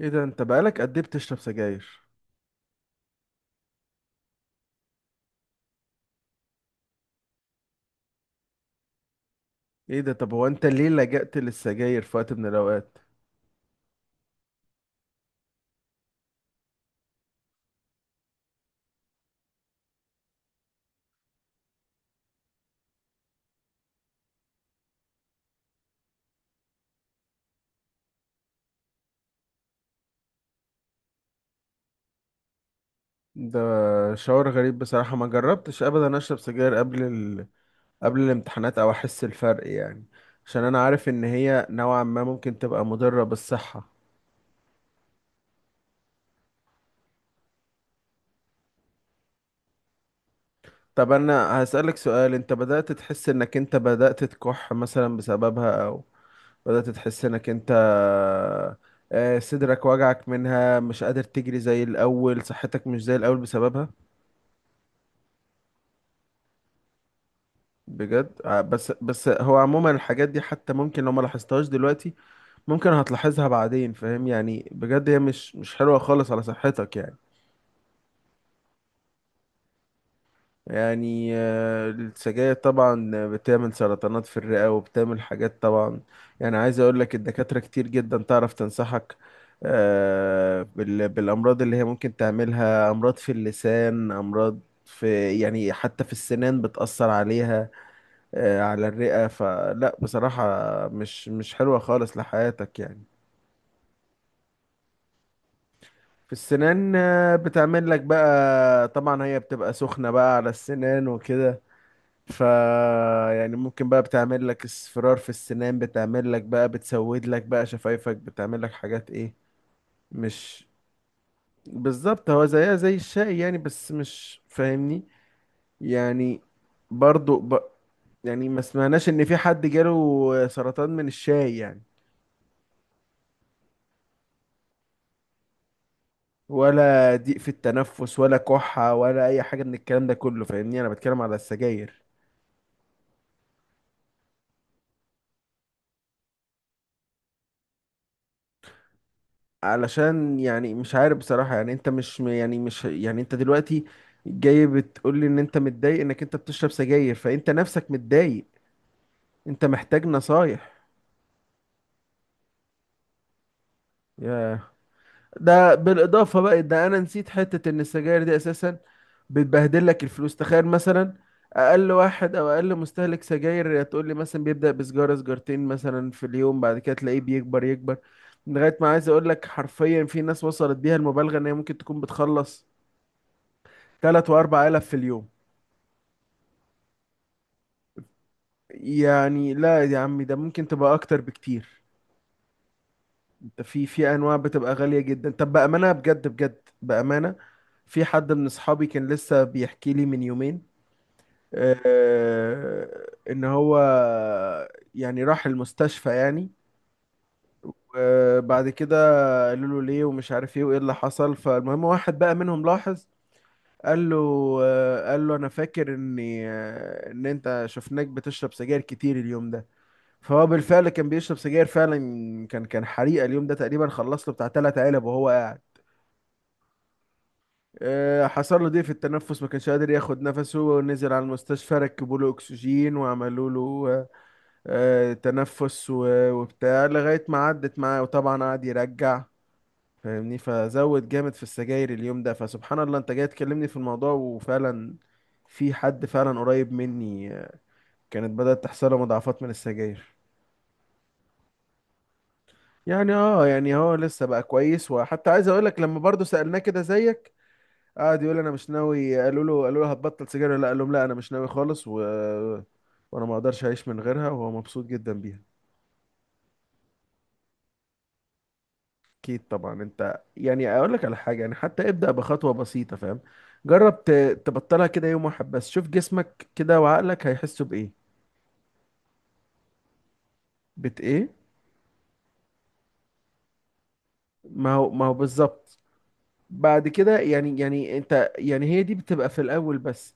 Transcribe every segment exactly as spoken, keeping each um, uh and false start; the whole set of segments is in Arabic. ايه ده، انت بقالك قد ايه بتشرب سجاير؟ ايه ده، طب هو انت ليه لجأت للسجاير في وقت من الاوقات؟ ده شعور غريب بصراحة، ما جربتش ابدا اشرب سجاير قبل ال... قبل الامتحانات او احس الفرق يعني. عشان انا عارف ان هي نوعا ما ممكن تبقى مضرة بالصحة. طب انا هسألك سؤال، انت بدأت تحس انك انت بدأت تكح مثلا بسببها، او بدأت تحس انك انت، آه، صدرك وجعك منها، مش قادر تجري زي الاول، صحتك مش زي الاول بسببها؟ بجد، آه، بس بس هو عموما الحاجات دي حتى ممكن لو ما لاحظتهاش دلوقتي، ممكن هتلاحظها بعدين فاهم يعني، بجد هي مش مش حلوة خالص على صحتك يعني. يعني، آه، السجاير طبعا بتعمل سرطانات في الرئة، وبتعمل حاجات طبعا. يعني عايز اقول لك، الدكاترة كتير جدا تعرف تنصحك. آه، بال- بالامراض اللي هي ممكن تعملها، امراض في اللسان، امراض في يعني حتى في السنان بتأثر عليها. آه، على الرئة، فلا بصراحة مش مش حلوة خالص لحياتك يعني. في السنان، آه، بتعمل لك بقى طبعا، هي بتبقى سخنة بقى على السنان وكده. ف يعني ممكن بقى بتعمل لك اصفرار في السنان، بتعمل لك بقى، بتسود لك بقى شفايفك، بتعمل لك حاجات ايه. مش بالظبط، هو زيها زي الشاي يعني، بس مش فاهمني يعني، برضو ب... يعني ما سمعناش ان في حد جاله سرطان من الشاي يعني، ولا ضيق في التنفس ولا كحة ولا أي حاجة من الكلام ده كله فاهمني، أنا بتكلم على السجاير. علشان يعني مش عارف بصراحة، يعني أنت مش يعني مش يعني أنت دلوقتي جاي بتقول لي إن أنت متضايق إنك أنت بتشرب سجاير، فأنت نفسك متضايق، أنت محتاج نصايح. ياه. ده بالاضافه بقى، ده انا نسيت حته ان السجاير دي اساسا بتبهدل لك الفلوس. تخيل مثلا، اقل واحد او اقل مستهلك سجاير تقول لي مثلا بيبدا بسجاره سجارتين مثلا في اليوم، بعد كده تلاقيه بيكبر يكبر لغايه ما، عايز اقول لك حرفيا، في ناس وصلت بيها المبالغه ان هي ممكن تكون بتخلص ثلاثة واربع آلاف في اليوم. يعني لا يا عمي، ده ممكن تبقى اكتر بكتير. انت في في انواع بتبقى غاليه جدا. طب بامانه، بجد بجد بامانه، في حد من اصحابي كان لسه بيحكي لي من يومين، آه، ان هو يعني راح المستشفى يعني. وبعد كده قالوا له ليه ومش عارف ايه وايه اللي حصل. فالمهم، واحد بقى منهم لاحظ، قال له، آه، قال له انا فاكر اني، آه، ان انت شفناك بتشرب سجاير كتير اليوم ده. فهو بالفعل كان بيشرب سجاير فعلا. كان كان حريقة اليوم ده تقريبا، خلص له بتاع تلات علب وهو قاعد. آه، حصل له ضيق في التنفس، ما كانش قادر ياخد نفسه، ونزل على المستشفى ركبوا له اكسجين وعملوا له، آه، تنفس و- وبتاع، لغاية ما عدت معاه. وطبعا قعد يرجع، فاهمني، فزود جامد في السجاير اليوم ده. فسبحان الله انت جاي تكلمني في الموضوع، وفعلا في حد فعلا قريب مني، آه، كانت بدأت تحصله مضاعفات من السجاير. يعني اه، يعني هو لسه بقى كويس. وحتى عايز اقول لك، لما برضه سألناه كده زيك، قعد يقول انا مش ناوي، قالوا له قالوا له هتبطل سجاير ولا لا؟ قال لهم لا انا مش ناوي خالص، و... وانا ما اقدرش اعيش من غيرها، وهو مبسوط جدا بيها. اكيد طبعا، انت يعني اقول لك على حاجه، يعني حتى ابدا بخطوه بسيطه فاهم. جرب ت- تبطلها كده يوم واحد بس، شوف جسمك كده وعقلك هيحسوا بايه. بت ايه؟ ما هو ما هو بالظبط. بعد كده يعني يعني انت يعني، هي دي بتبقى في الاول بس.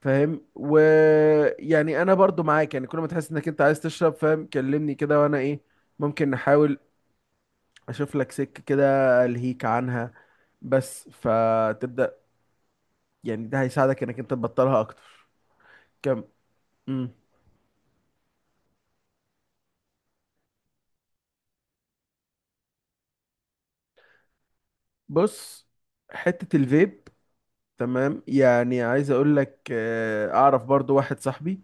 فاهم ويعني انا برضو معاك يعني، كل ما تحس انك انت عايز تشرب فاهم كلمني كده، وانا ايه، ممكن نحاول، اشوف لك سكه كده الهيك عنها بس، فتبدا يعني ده هيساعدك انك انت تبطلها اكتر. كم؟ بص، حتة الفيب تمام. يعني عايز اقول لك، آه، اعرف برضو واحد صاحبي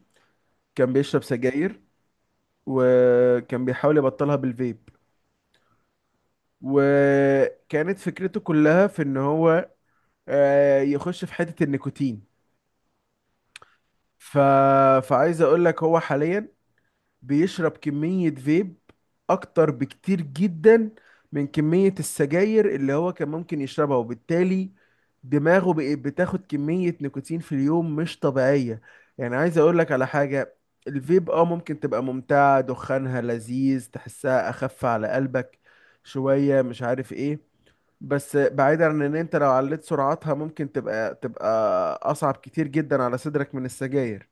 كان بيشرب سجاير، وكان بيحاول يبطلها بالفيب، وكانت فكرته كلها في ان هو، آه، يخش في حتة النيكوتين. ف... فعايز اقول لك هو حاليا بيشرب كمية فيب أكتر بكتير جدا من كمية السجاير اللي هو كان ممكن يشربها، وبالتالي دماغه بقت بتاخد كمية نيكوتين في اليوم مش طبيعية. يعني عايز أقولك على حاجة، الفيب اه ممكن تبقى ممتعة، دخانها لذيذ، تحسها أخف على قلبك شوية مش عارف ايه، بس بعيدا عن ان انت لو عليت سرعتها ممكن تبقى تبقى اصعب كتير جدا على صدرك من السجاير.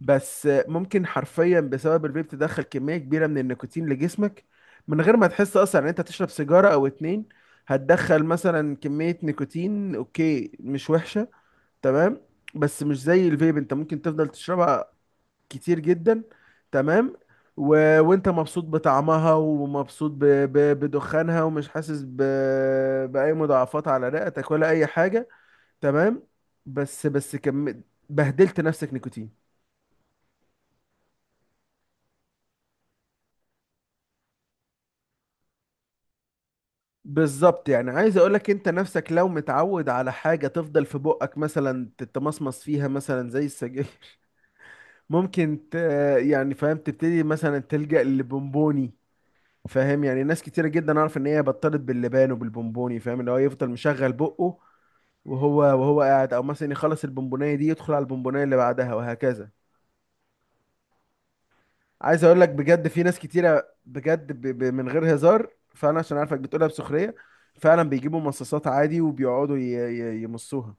بس ممكن حرفيا بسبب الفيب تدخل كمية كبيرة من النيكوتين لجسمك من غير ما تحس اصلا ان انت تشرب سيجارة او اتنين، هتدخل مثلا كمية نيكوتين اوكي مش وحشة تمام. بس مش زي الفيب، انت ممكن تفضل تشربها كتير جدا تمام، و... وانت مبسوط بطعمها، ومبسوط ب... ب... بدخانها، ومش حاسس ب... بأي مضاعفات على رئتك ولا اي حاجة تمام. بس بس كم بهدلت نفسك نيكوتين. بالظبط، يعني عايز اقولك، انت نفسك لو متعود على حاجة تفضل في بقك مثلا تتمصمص فيها مثلا زي السجاير، ممكن ت... يعني فاهم، تبتدي مثلا تلجأ للبونبوني. فاهم، يعني ناس كتيرة جدا اعرف ان هي بطلت باللبان وبالبونبوني، فاهم اللي هو يفضل مشغل بقه، وهو وهو قاعد او مثلا يخلص البونبونية دي يدخل على البونبونية اللي بعدها وهكذا. عايز اقولك بجد، في ناس كتيرة بجد ب... ب... من غير هزار، فانا عشان عارفك بتقولها بسخرية، فعلا بيجيبوا مصاصات عادي، وبيقعدوا ي... ي... يمصوها.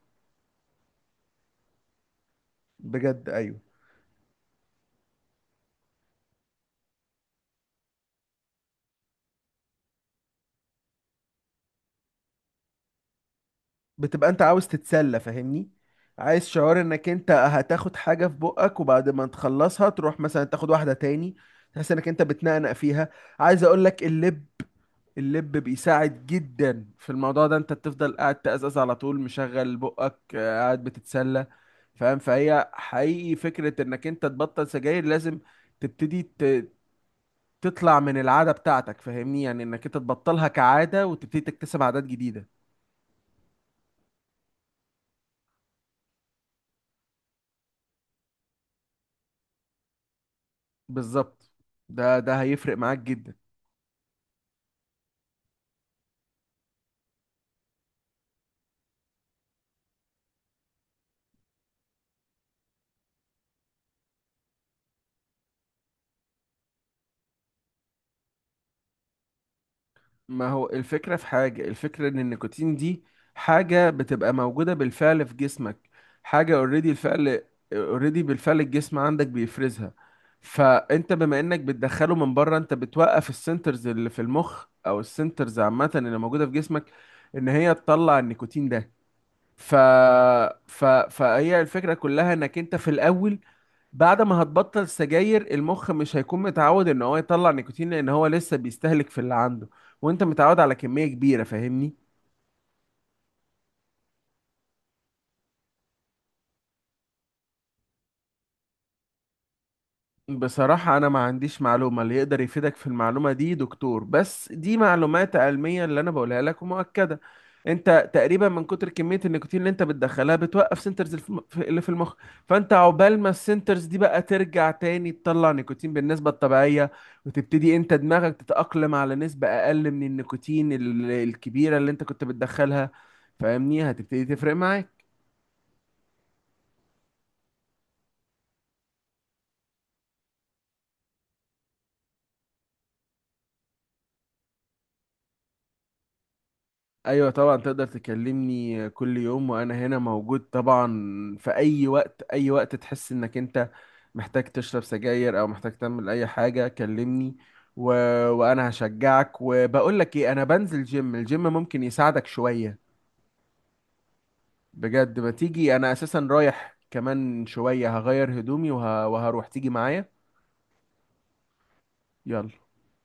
بجد ايوه. بتبقى انت عاوز تتسلى فاهمني، عايز شعور انك انت هتاخد حاجة في بقك، وبعد ما تخلصها تروح مثلا تاخد واحدة تاني، تحس انك انت بتنقنق فيها. عايز اقول لك اللب، اللب بيساعد جدا في الموضوع ده، انت بتفضل قاعد تقزقز على طول مشغل بقك، آه، قاعد بتتسلى فاهم. فهي حقيقي فكرة انك انت تبطل سجاير، لازم تبتدي ت- تطلع من العادة بتاعتك فاهمني، يعني انك انت تبطلها كعادة وتبتدي تكتسب عادات جديدة. بالظبط، ده ده هيفرق معاك جدا. ما هو الفكرة في حاجة، الفكرة ان النيكوتين دي حاجة بتبقى موجودة بالفعل في جسمك، حاجة اوريدي الفعل، اوريدي بالفعل الجسم عندك بيفرزها. فانت بما انك بتدخله من بره، انت بتوقف السنترز اللي في المخ، او السنترز عامة اللي موجودة في جسمك ان هي تطلع النيكوتين ده. ف... ف... فهي الفكرة كلها انك انت في الاول، بعد ما هتبطل سجاير المخ مش هيكون متعود ان هو يطلع نيكوتين لان هو لسه بيستهلك في اللي عنده، وانت متعود على كمية كبيرة فاهمني. بصراحة أنا ما عنديش معلومة، اللي يقدر يفيدك في المعلومة دي دكتور، بس دي معلومات علمية اللي أنا بقولها لك ومؤكدة. أنت تقريبا من كتر كمية النيكوتين اللي أنت بتدخلها بتوقف سنترز الف- في- اللي في المخ. فأنت عقبال ما السنترز دي بقى ترجع تاني تطلع نيكوتين بالنسبة الطبيعية، وتبتدي أنت دماغك تتأقلم على نسبة أقل من النيكوتين ال- الكبيرة اللي أنت كنت بتدخلها، فاهمني هتبتدي تفرق معاك. ايوه طبعا، تقدر تكلمني كل يوم وانا هنا موجود طبعا، في اي وقت. اي وقت تحس انك انت محتاج تشرب سجاير او محتاج تعمل اي حاجه كلمني، و... وانا هشجعك. وبقول لك ايه، انا بنزل جيم، الجيم ممكن يساعدك شويه. بجد، ما تيجي انا اساسا رايح كمان شويه هغير هدومي وه... وهروح، تيجي معايا. يلا.